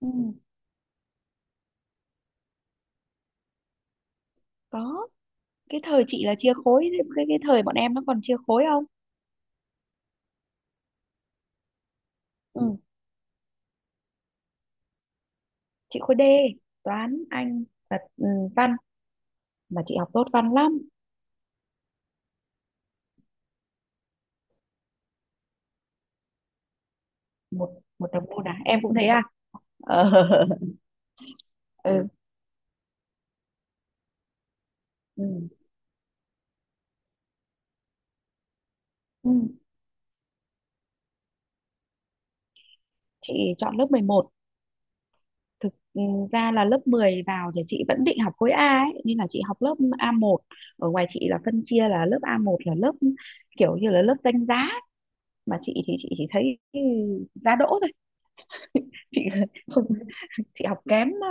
Ừ, có cái thời chị là chia khối. Cái thời bọn em nó còn chia khối không? Ừ. Chị khối D, toán Anh và văn, mà chị học tốt văn lắm. Một Một đồng môn à, em cũng thế à? Ờ. Ừ. Ừ. Ừ. Chị chọn lớp mười một. Thực ra là lớp 10 vào thì chị vẫn định học khối A ấy, nên là chị học lớp A một. Ở ngoài chị là phân chia là lớp A một là lớp kiểu như là lớp danh giá, mà chị thì chị chỉ thấy giá đỗ thôi. Chị không, chị học kém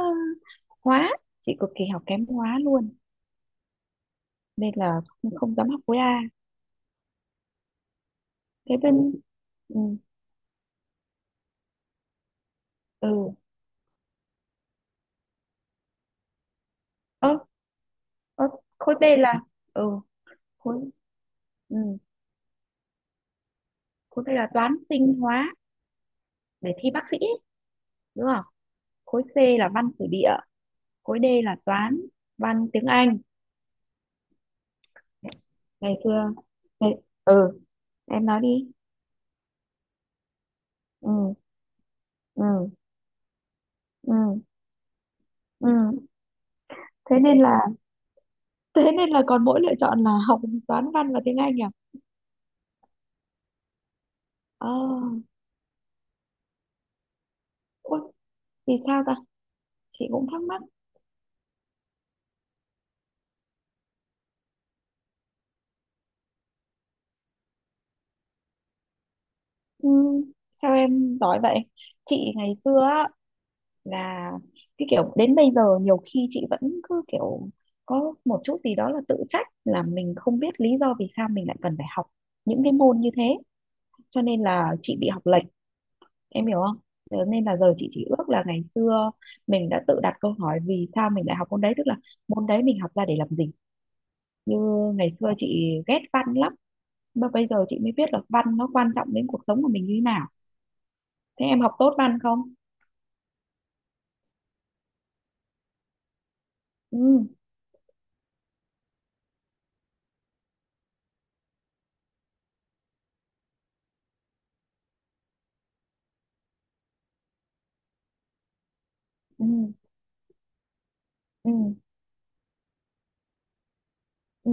hóa, chị cực kỳ học kém hóa luôn, nên là không, không dám học khối A. Thế bên ừ ừ ơ ơ khối B là ừ khối ừ, khối B là toán sinh hóa, để thi bác sĩ ấy, đúng không? Khối C là văn sử địa, khối D là toán văn tiếng Anh. ngày xưa ngày, ừ em nói đi. ừ ừ ừ ừ Thế nên là thế nên là còn mỗi lựa chọn là học toán văn và tiếng Anh à? Ờ, ôi, vì sao ta? Chị cũng thắc mắc. Ừ, sao em giỏi vậy? Chị ngày xưa á, là cái kiểu đến bây giờ nhiều khi chị vẫn cứ kiểu có một chút gì đó là tự trách, là mình không biết lý do vì sao mình lại cần phải học những cái môn như thế. Cho nên là chị bị học lệch, em hiểu không? Thế nên là giờ chị chỉ ước là ngày xưa mình đã tự đặt câu hỏi vì sao mình lại học môn đấy, tức là môn đấy mình học ra để làm gì. Như ngày xưa chị ghét văn lắm, mà bây giờ chị mới biết là văn nó quan trọng đến cuộc sống của mình như thế nào. Thế em học tốt văn không? Ừ ừ ừ ừ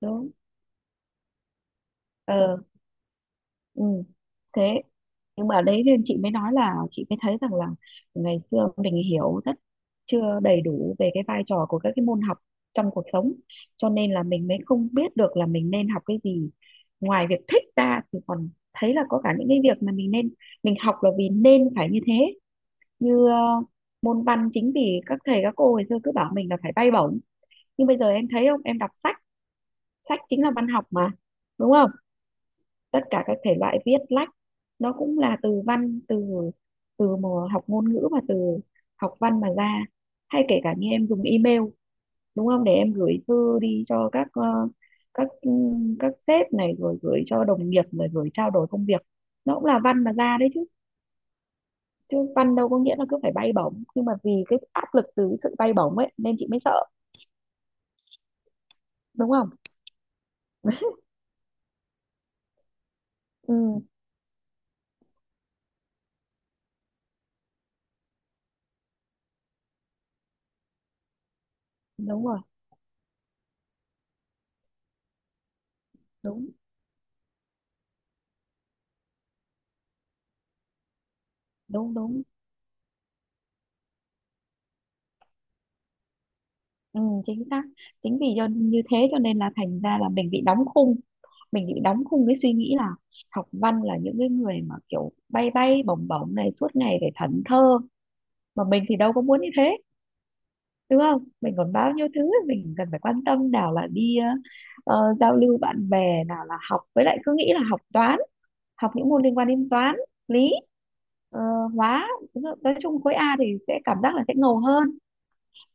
đúng ờ ừ Thế nhưng mà đấy, nên chị mới nói là chị mới thấy rằng là ngày xưa mình hiểu rất chưa đầy đủ về cái vai trò của các cái môn học trong cuộc sống, cho nên là mình mới không biết được là mình nên học cái gì. Ngoài việc thích ra thì còn thấy là có cả những cái việc mà mình nên, mình học là vì nên phải như thế. Như môn văn, chính vì các thầy các cô ngày xưa cứ bảo mình là phải bay bổng, nhưng bây giờ em thấy không, em đọc sách, sách chính là văn học mà, đúng không? Tất cả các thể loại viết lách nó cũng là từ văn, từ từ mà học ngôn ngữ và từ học văn mà ra. Hay kể cả như em dùng email, đúng không, để em gửi thư đi cho các các các sếp này, rồi gửi cho đồng nghiệp, rồi gửi trao đổi công việc, nó cũng là văn mà ra đấy chứ. Chứ văn đâu có nghĩa là cứ phải bay bổng, nhưng mà vì cái áp lực từ cái sự bay bổng ấy nên chị mới sợ, đúng không? ừ Đúng rồi. Đúng, đúng, đúng. Ừ, chính xác. Chính vì do như thế cho nên là thành ra là mình bị đóng khung, mình bị đóng khung cái suy nghĩ là học văn là những cái người mà kiểu bay bay bổng bổng này, suốt ngày phải thẫn thơ, mà mình thì đâu có muốn như thế, đúng không? Mình còn bao nhiêu thứ mình cần phải quan tâm, nào là đi giao lưu bạn bè, nào là học. Với lại cứ nghĩ là học toán, học những môn liên quan đến toán, lý, ờ, hóa. Nói chung khối A thì sẽ cảm giác là sẽ ngầu hơn.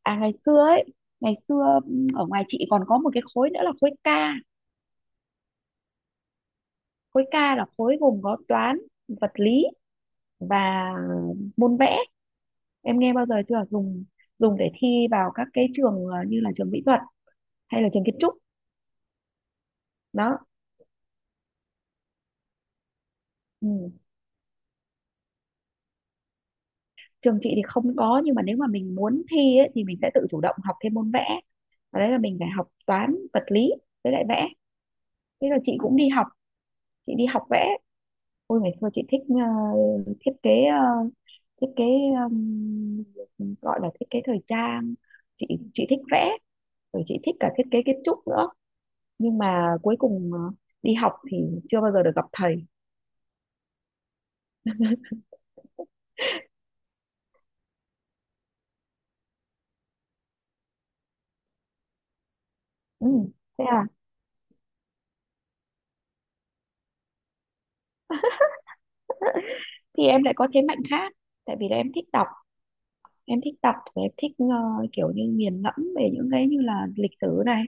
À ngày xưa ấy, ngày xưa ở ngoài chị còn có một cái khối nữa là khối K. Khối K là khối gồm có toán, vật lý và môn vẽ. Em nghe bao giờ chưa? Dùng, dùng để thi vào các cái trường như là trường mỹ thuật hay là trường kiến trúc đó. Ừ. Trường chị thì không có, nhưng mà nếu mà mình muốn thi ấy, thì mình sẽ tự chủ động học thêm môn vẽ. Và đấy là mình phải học toán, vật lý với lại vẽ. Thế rồi chị cũng đi học, chị đi học vẽ. Ôi ngày xưa chị thích thiết kế, thiết kế gọi là thiết kế thời trang. chị chị thích vẽ, rồi chị thích cả thiết kế kiến trúc nữa. Nhưng mà cuối cùng đi học thì chưa bao giờ được gặp thầy. Ừ. Thế à? Thì em lại có thế mạnh khác, tại vì là em thích đọc. Em thích đọc và em thích kiểu như nghiền ngẫm về những cái như là lịch sử này,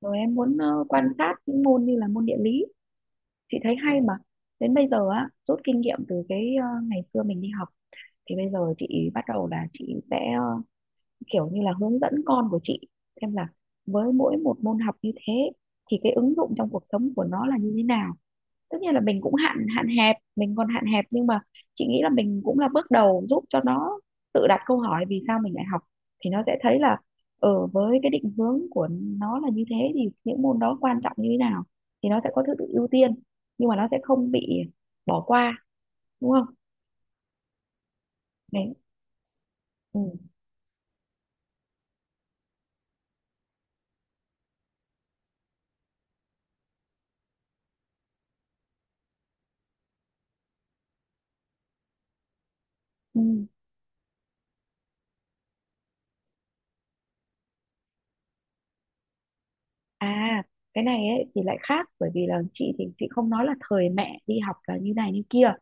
rồi em muốn quan sát những môn như là môn địa lý. Chị thấy hay mà. Đến bây giờ á, rút kinh nghiệm từ cái ngày xưa mình đi học, thì bây giờ chị bắt đầu là chị sẽ kiểu như là hướng dẫn con của chị, xem là với mỗi một môn học như thế thì cái ứng dụng trong cuộc sống của nó là như thế nào. Tất nhiên là mình cũng hạn hạn hẹp, mình còn hạn hẹp, nhưng mà chị nghĩ là mình cũng là bước đầu giúp cho nó tự đặt câu hỏi vì sao mình lại học. Thì nó sẽ thấy là ở với cái định hướng của nó là như thế thì những môn đó quan trọng như thế nào, thì nó sẽ có thứ tự ưu tiên, nhưng mà nó sẽ không bị bỏ qua, đúng không? Đấy. Ừ. Ừ. À cái này ấy, thì lại khác, bởi vì là chị thì chị không nói là thời mẹ đi học là như này như kia,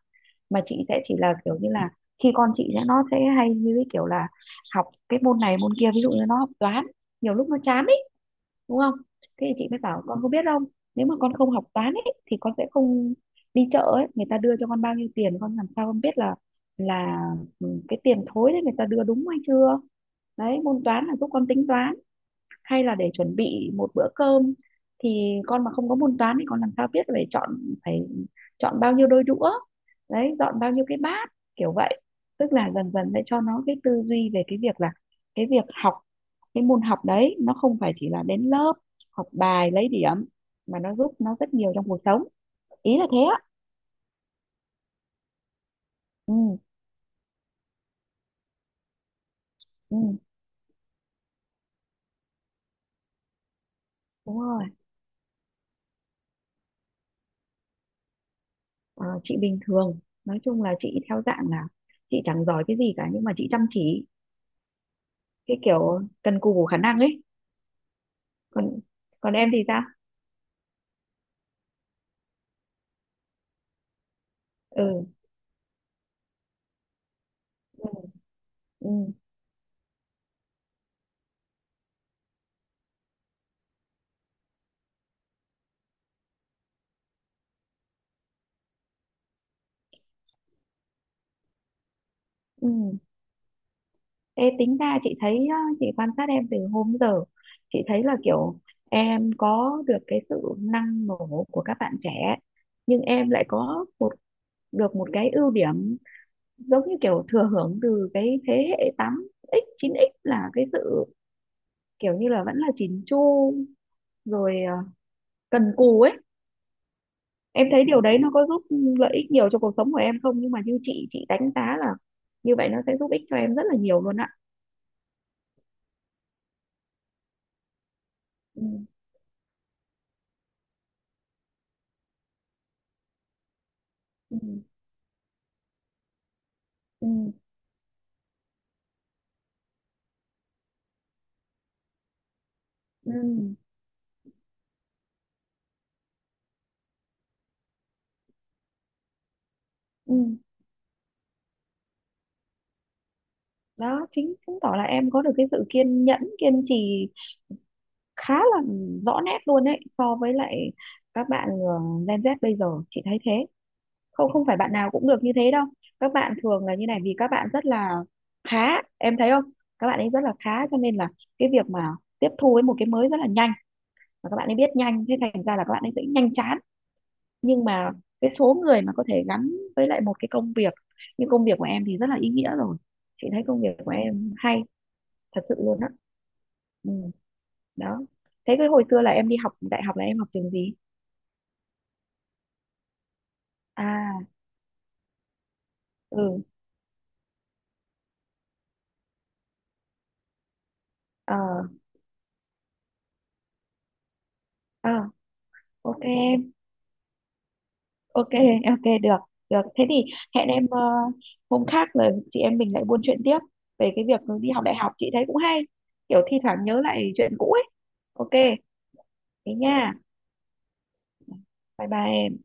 mà chị sẽ chỉ là kiểu như là khi con chị sẽ nó sẽ hay như cái kiểu là học cái môn này môn kia, ví dụ như nó học toán, nhiều lúc nó chán ấy, đúng không? Thế thì chị mới bảo con có biết không, nếu mà con không học toán ấy thì con sẽ không, đi chợ ấy người ta đưa cho con bao nhiêu tiền con làm sao con biết là cái tiền thối đấy người ta đưa đúng hay chưa. Đấy, môn toán là giúp con tính toán. Hay là để chuẩn bị một bữa cơm thì con mà không có môn toán thì con làm sao biết phải phải chọn bao nhiêu đôi đũa, đấy, dọn bao nhiêu cái bát, kiểu vậy. Tức là dần dần để cho nó cái tư duy về cái việc là cái việc học cái môn học đấy nó không phải chỉ là đến lớp học bài lấy điểm, mà nó giúp nó rất nhiều trong cuộc sống, ý là thế á. ừ, ừ Đúng rồi. Ờ, chị bình thường. Nói chung là chị theo dạng là chị chẳng giỏi cái gì cả, nhưng mà chị chăm chỉ, cái kiểu cần cù khả năng ấy. Còn Còn em thì sao? ừ ừ ừ ừ Ê, tính ra chị thấy á, chị quan sát em từ hôm giờ, chị thấy là kiểu em có được cái sự năng nổ của các bạn trẻ, nhưng em lại có được một cái ưu điểm giống như kiểu thừa hưởng từ cái thế hệ tám x chín x, là cái sự kiểu như là vẫn là chỉn chu, rồi cần cù ấy. Em thấy điều đấy nó có giúp lợi ích nhiều cho cuộc sống của em không? Nhưng mà như chị đánh giá là như vậy nó sẽ giúp ích cho em rất là nhiều luôn ạ. ừ, ừ, ừ, ừ, ừ. Đó chính chứng tỏ là em có được cái sự kiên nhẫn kiên trì khá là rõ nét luôn đấy, so với lại các bạn Gen Z bây giờ chị thấy thế. Không, không phải bạn nào cũng được như thế đâu. Các bạn thường là như này, vì các bạn rất là khá, em thấy không? Các bạn ấy rất là khá, cho nên là cái việc mà tiếp thu với một cái mới rất là nhanh. Và các bạn ấy biết nhanh thế thành ra là các bạn ấy sẽ nhanh chán. Nhưng mà cái số người mà có thể gắn với lại một cái công việc như công việc của em thì rất là ý nghĩa rồi. Chị thấy công việc của em hay thật sự luôn á. Ừ, đó. Thế cái hồi xưa là em đi học đại học là em học trường gì? à ừ ờ ờ, ok em. Ok ok, được, được. Thế thì hẹn em hôm khác rồi chị em mình lại buôn chuyện tiếp về cái việc đi học đại học, chị thấy cũng hay, kiểu thi thoảng nhớ lại chuyện cũ ấy. Ok, thế nha. Bye bye em.